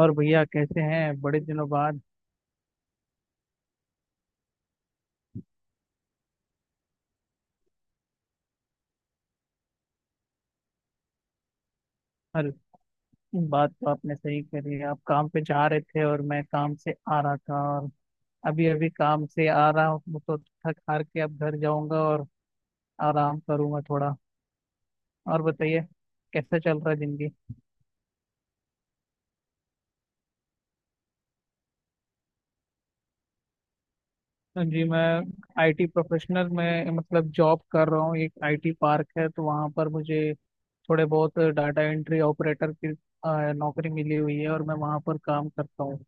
और भैया कैसे हैं, बड़े दिनों बाद? हर बात तो आपने सही करी है। आप काम पे जा रहे थे और मैं काम से आ रहा था, और अभी अभी काम से आ रहा हूँ, तो थक हार के अब घर जाऊंगा और आराम करूंगा थोड़ा। और बताइए, कैसा चल रहा है जिंदगी? जी, मैं आईटी प्रोफेशनल में मतलब जॉब कर रहा हूँ। एक आईटी पार्क है तो वहाँ पर मुझे थोड़े बहुत डाटा एंट्री ऑपरेटर की नौकरी मिली हुई है और मैं वहाँ पर काम करता हूँ।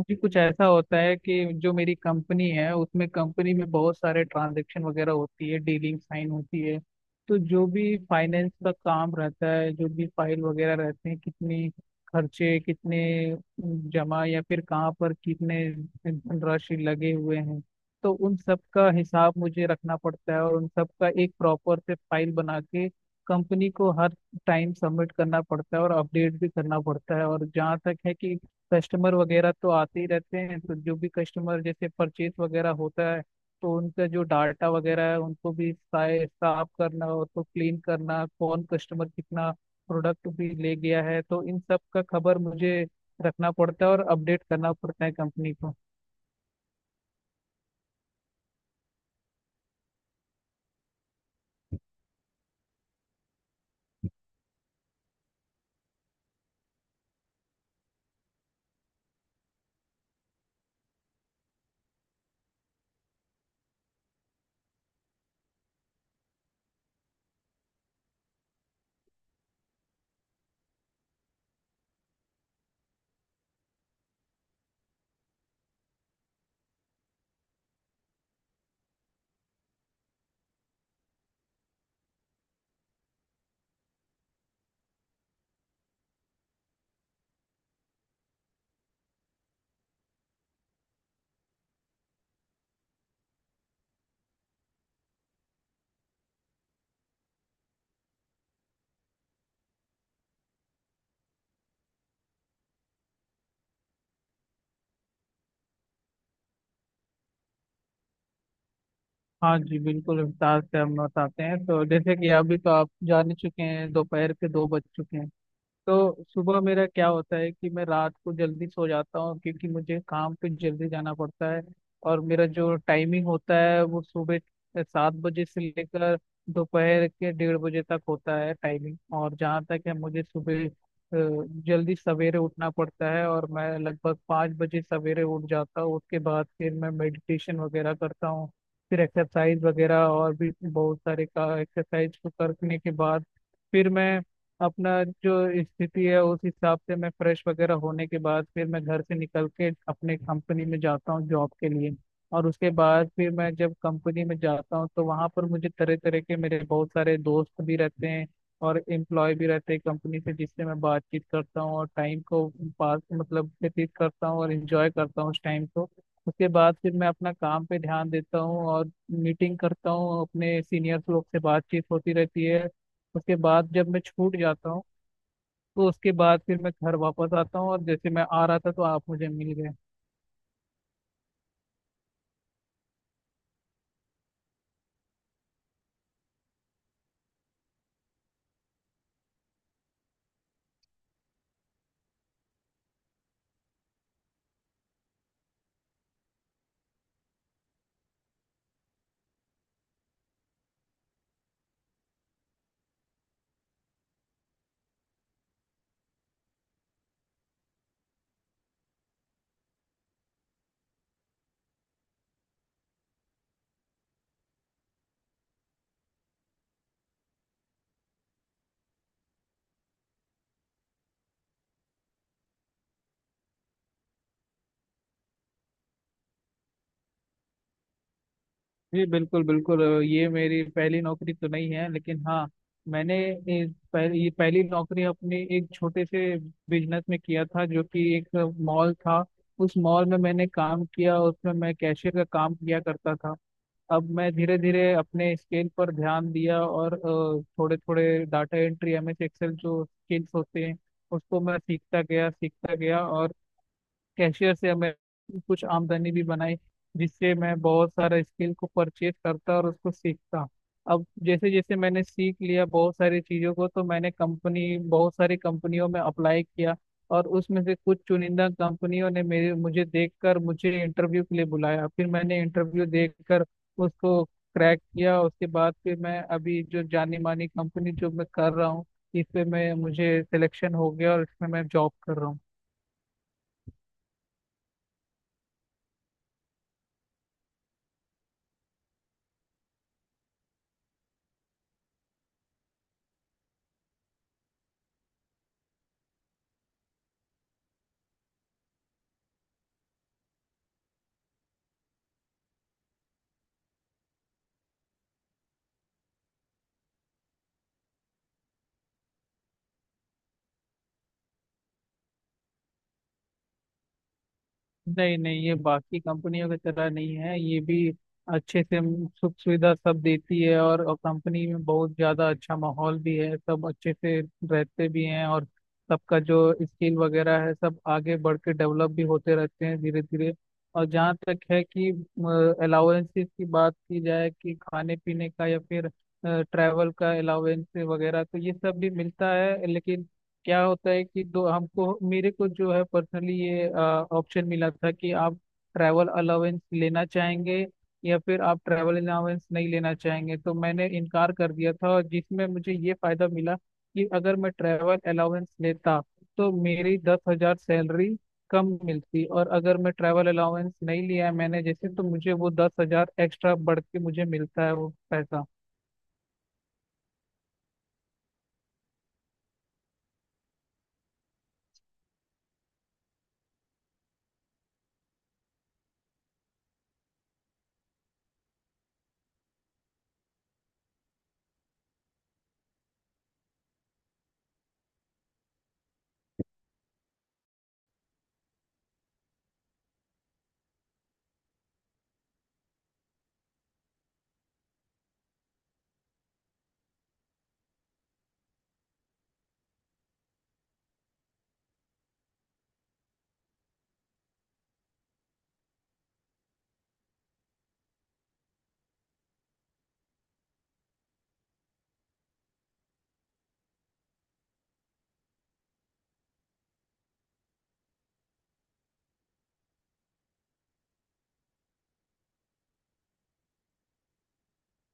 जी, कुछ ऐसा होता है कि जो मेरी कंपनी है उसमें, कंपनी में बहुत सारे ट्रांजैक्शन वगैरह होती है, डीलिंग साइन होती है। तो जो भी फाइनेंस का काम रहता है, जो भी फाइल वगैरह रहते हैं, कितनी खर्चे, कितने जमा, या फिर कहाँ पर कितने धनराशि लगे हुए हैं, तो उन सब का हिसाब मुझे रखना पड़ता है और उन सब का एक प्रॉपर से फाइल बना के कंपनी को हर टाइम सबमिट करना पड़ता है और अपडेट भी करना पड़ता है। और जहाँ तक है कि कस्टमर वगैरह तो आते ही रहते हैं, तो जो भी कस्टमर जैसे परचेस वगैरह होता है, तो उनका जो डाटा वगैरह है उनको भी साफ करना हो तो क्लीन करना, कौन कस्टमर कितना प्रोडक्ट भी ले गया है, तो इन सब का खबर मुझे रखना पड़ता है और अपडेट करना पड़ता है कंपनी को। हाँ जी, बिल्कुल विस्तार से हम बताते हैं। तो जैसे कि अभी तो आप जान ही चुके हैं, दोपहर के 2 बज चुके हैं। तो सुबह मेरा क्या होता है कि मैं रात को जल्दी सो जाता हूँ क्योंकि मुझे काम पे जल्दी जाना पड़ता है। और मेरा जो टाइमिंग होता है वो सुबह 7 बजे से लेकर दोपहर के 1:30 बजे तक होता है टाइमिंग। और जहाँ तक है, मुझे सुबह जल्दी सवेरे उठना पड़ता है और मैं लगभग 5 बजे सवेरे उठ जाता हूँ। उसके बाद फिर मैं मेडिटेशन वगैरह करता हूँ, फिर एक्सरसाइज वगैरह, और भी बहुत सारे का एक्सरसाइज को करने के बाद फिर मैं अपना जो स्थिति है उस हिसाब से मैं फ्रेश वगैरह होने के बाद फिर मैं घर से निकल के अपने कंपनी में जाता हूँ जॉब के लिए। और उसके बाद फिर मैं जब कंपनी में जाता हूँ, तो वहाँ पर मुझे तरह तरह के, मेरे बहुत सारे दोस्त भी रहते हैं और एम्प्लॉय भी रहते हैं कंपनी से, जिससे मैं बातचीत करता हूँ और टाइम को पास मतलब व्यतीत करता हूँ और इंजॉय करता हूँ उस टाइम को। उसके बाद फिर मैं अपना काम पे ध्यान देता हूँ और मीटिंग करता हूँ, अपने सीनियर्स लोग से बातचीत होती रहती है। उसके बाद जब मैं छूट जाता हूँ तो उसके बाद फिर मैं घर वापस आता हूँ, और जैसे मैं आ रहा था तो आप मुझे मिल गए। जी बिल्कुल बिल्कुल, ये मेरी पहली नौकरी तो नहीं है, लेकिन हाँ, मैंने ये पहली नौकरी अपने एक छोटे से बिजनेस में किया था, जो कि एक मॉल था। उस मॉल में मैंने काम किया, उसमें मैं कैशियर का काम किया करता था। अब मैं धीरे धीरे अपने स्केल पर ध्यान दिया, और थोड़े थोड़े data entry, M S Excel जो स्किल्स होते हैं उसको मैं सीखता गया सीखता गया, और कैशियर से हमें कुछ आमदनी भी बनाई, जिससे मैं बहुत सारा स्किल को परचेज करता और उसको सीखता। अब जैसे जैसे मैंने सीख लिया बहुत सारी चीज़ों को, तो मैंने कंपनी बहुत सारी कंपनियों में अप्लाई किया, और उसमें से कुछ चुनिंदा कंपनियों ने मेरे मुझे देखकर मुझे इंटरव्यू के लिए बुलाया, फिर मैंने इंटरव्यू देकर उसको क्रैक किया। उसके बाद फिर मैं अभी जो जानी मानी कंपनी जो मैं कर रहा हूँ, इस पे मैं मुझे सिलेक्शन हो गया और इसमें मैं जॉब कर रहा हूँ। नहीं नहीं, ये बाकी कंपनियों की तरह नहीं है, ये भी अच्छे से हम सुख सुविधा सब देती है, और कंपनी में बहुत ज्यादा अच्छा माहौल भी है, सब अच्छे से रहते भी हैं, और सबका जो स्किल वगैरह है सब आगे बढ़ के डेवलप भी होते रहते हैं धीरे धीरे। और जहाँ तक है कि अलाउंसेस की बात की जाए कि खाने पीने का या फिर ट्रैवल का अलाउंस वगैरह, तो ये सब भी मिलता है, लेकिन क्या होता है कि दो हमको मेरे को जो है पर्सनली ये ऑप्शन मिला था कि आप ट्रैवल अलाउंस लेना चाहेंगे या फिर आप ट्रैवल अलाउंस नहीं लेना चाहेंगे, तो मैंने इनकार कर दिया था, और जिसमें मुझे ये फायदा मिला कि अगर मैं ट्रैवल अलाउंस लेता तो मेरी 10,000 सैलरी कम मिलती, और अगर मैं ट्रैवल अलाउंस नहीं लिया है मैंने जैसे, तो मुझे वो 10,000 एक्स्ट्रा बढ़ के मुझे मिलता है वो पैसा।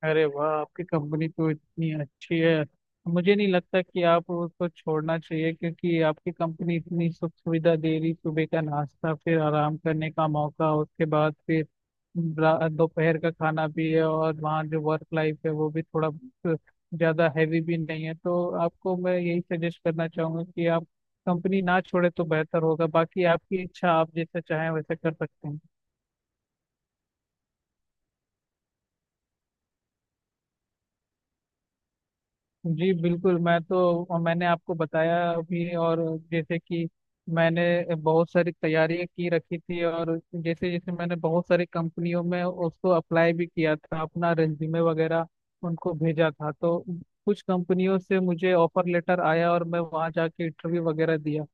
अरे वाह, आपकी कंपनी तो इतनी अच्छी है, मुझे नहीं लगता कि आप उसको छोड़ना चाहिए क्योंकि आपकी कंपनी इतनी सुख सुविधा दे रही, सुबह का नाश्ता, फिर आराम करने का मौका, उसके बाद फिर दोपहर का खाना भी है, और वहाँ जो वर्क लाइफ है वो भी थोड़ा बहुत ज्यादा हैवी भी नहीं है, तो आपको मैं यही सजेस्ट करना चाहूंगा कि आप कंपनी ना छोड़े तो बेहतर होगा, बाकी आपकी इच्छा, आप जैसा चाहें वैसे कर सकते हैं। जी बिल्कुल, मैं तो, और मैंने आपको बताया अभी, और जैसे कि मैंने बहुत सारी तैयारियां की रखी थी, और जैसे जैसे मैंने बहुत सारी कंपनियों में उसको अप्लाई भी किया था, अपना रेज्यूमे वगैरह उनको भेजा था, तो कुछ कंपनियों से मुझे ऑफर लेटर आया और मैं वहाँ जाके इंटरव्यू वगैरह दिया,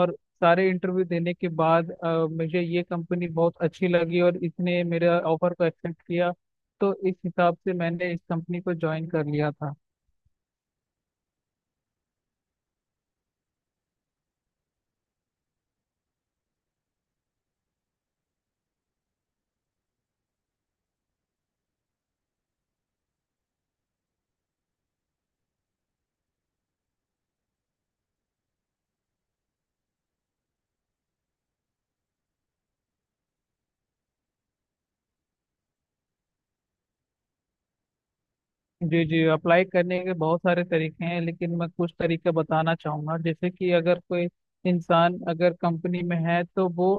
और सारे इंटरव्यू देने के बाद मुझे ये कंपनी बहुत अच्छी लगी और इसने मेरे ऑफर को एक्सेप्ट किया, तो इस हिसाब से मैंने इस कंपनी को ज्वाइन कर लिया था। जी जी, अप्लाई करने के बहुत सारे तरीके हैं लेकिन मैं कुछ तरीके बताना चाहूँगा। जैसे कि अगर कोई इंसान अगर कंपनी में है तो वो,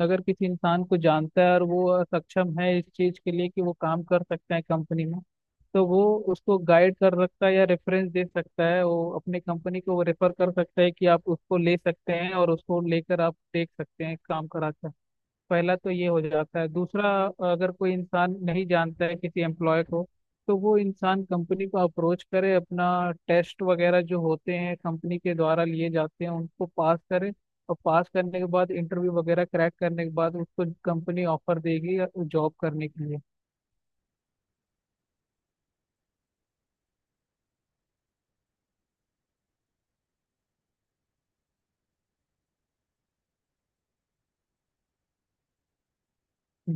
अगर किसी इंसान को जानता है और वो सक्षम है इस चीज़ के लिए कि वो काम कर सकता है कंपनी में, तो वो उसको गाइड कर सकता है या रेफरेंस दे सकता है, वो अपनी कंपनी को वो रेफर कर सकता है कि आप उसको ले सकते हैं और उसको लेकर आप देख सकते हैं काम करा कर। पहला तो ये हो जाता है। दूसरा, अगर कोई इंसान नहीं जानता है किसी एम्प्लॉय को, तो वो इंसान कंपनी को अप्रोच करे, अपना टेस्ट वगैरह जो होते हैं कंपनी के द्वारा लिए जाते हैं उनको पास करे, और पास करने के बाद इंटरव्यू वगैरह क्रैक करने के बाद उसको कंपनी ऑफर देगी जॉब करने के लिए।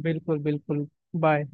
बिल्कुल बिल्कुल। बाय।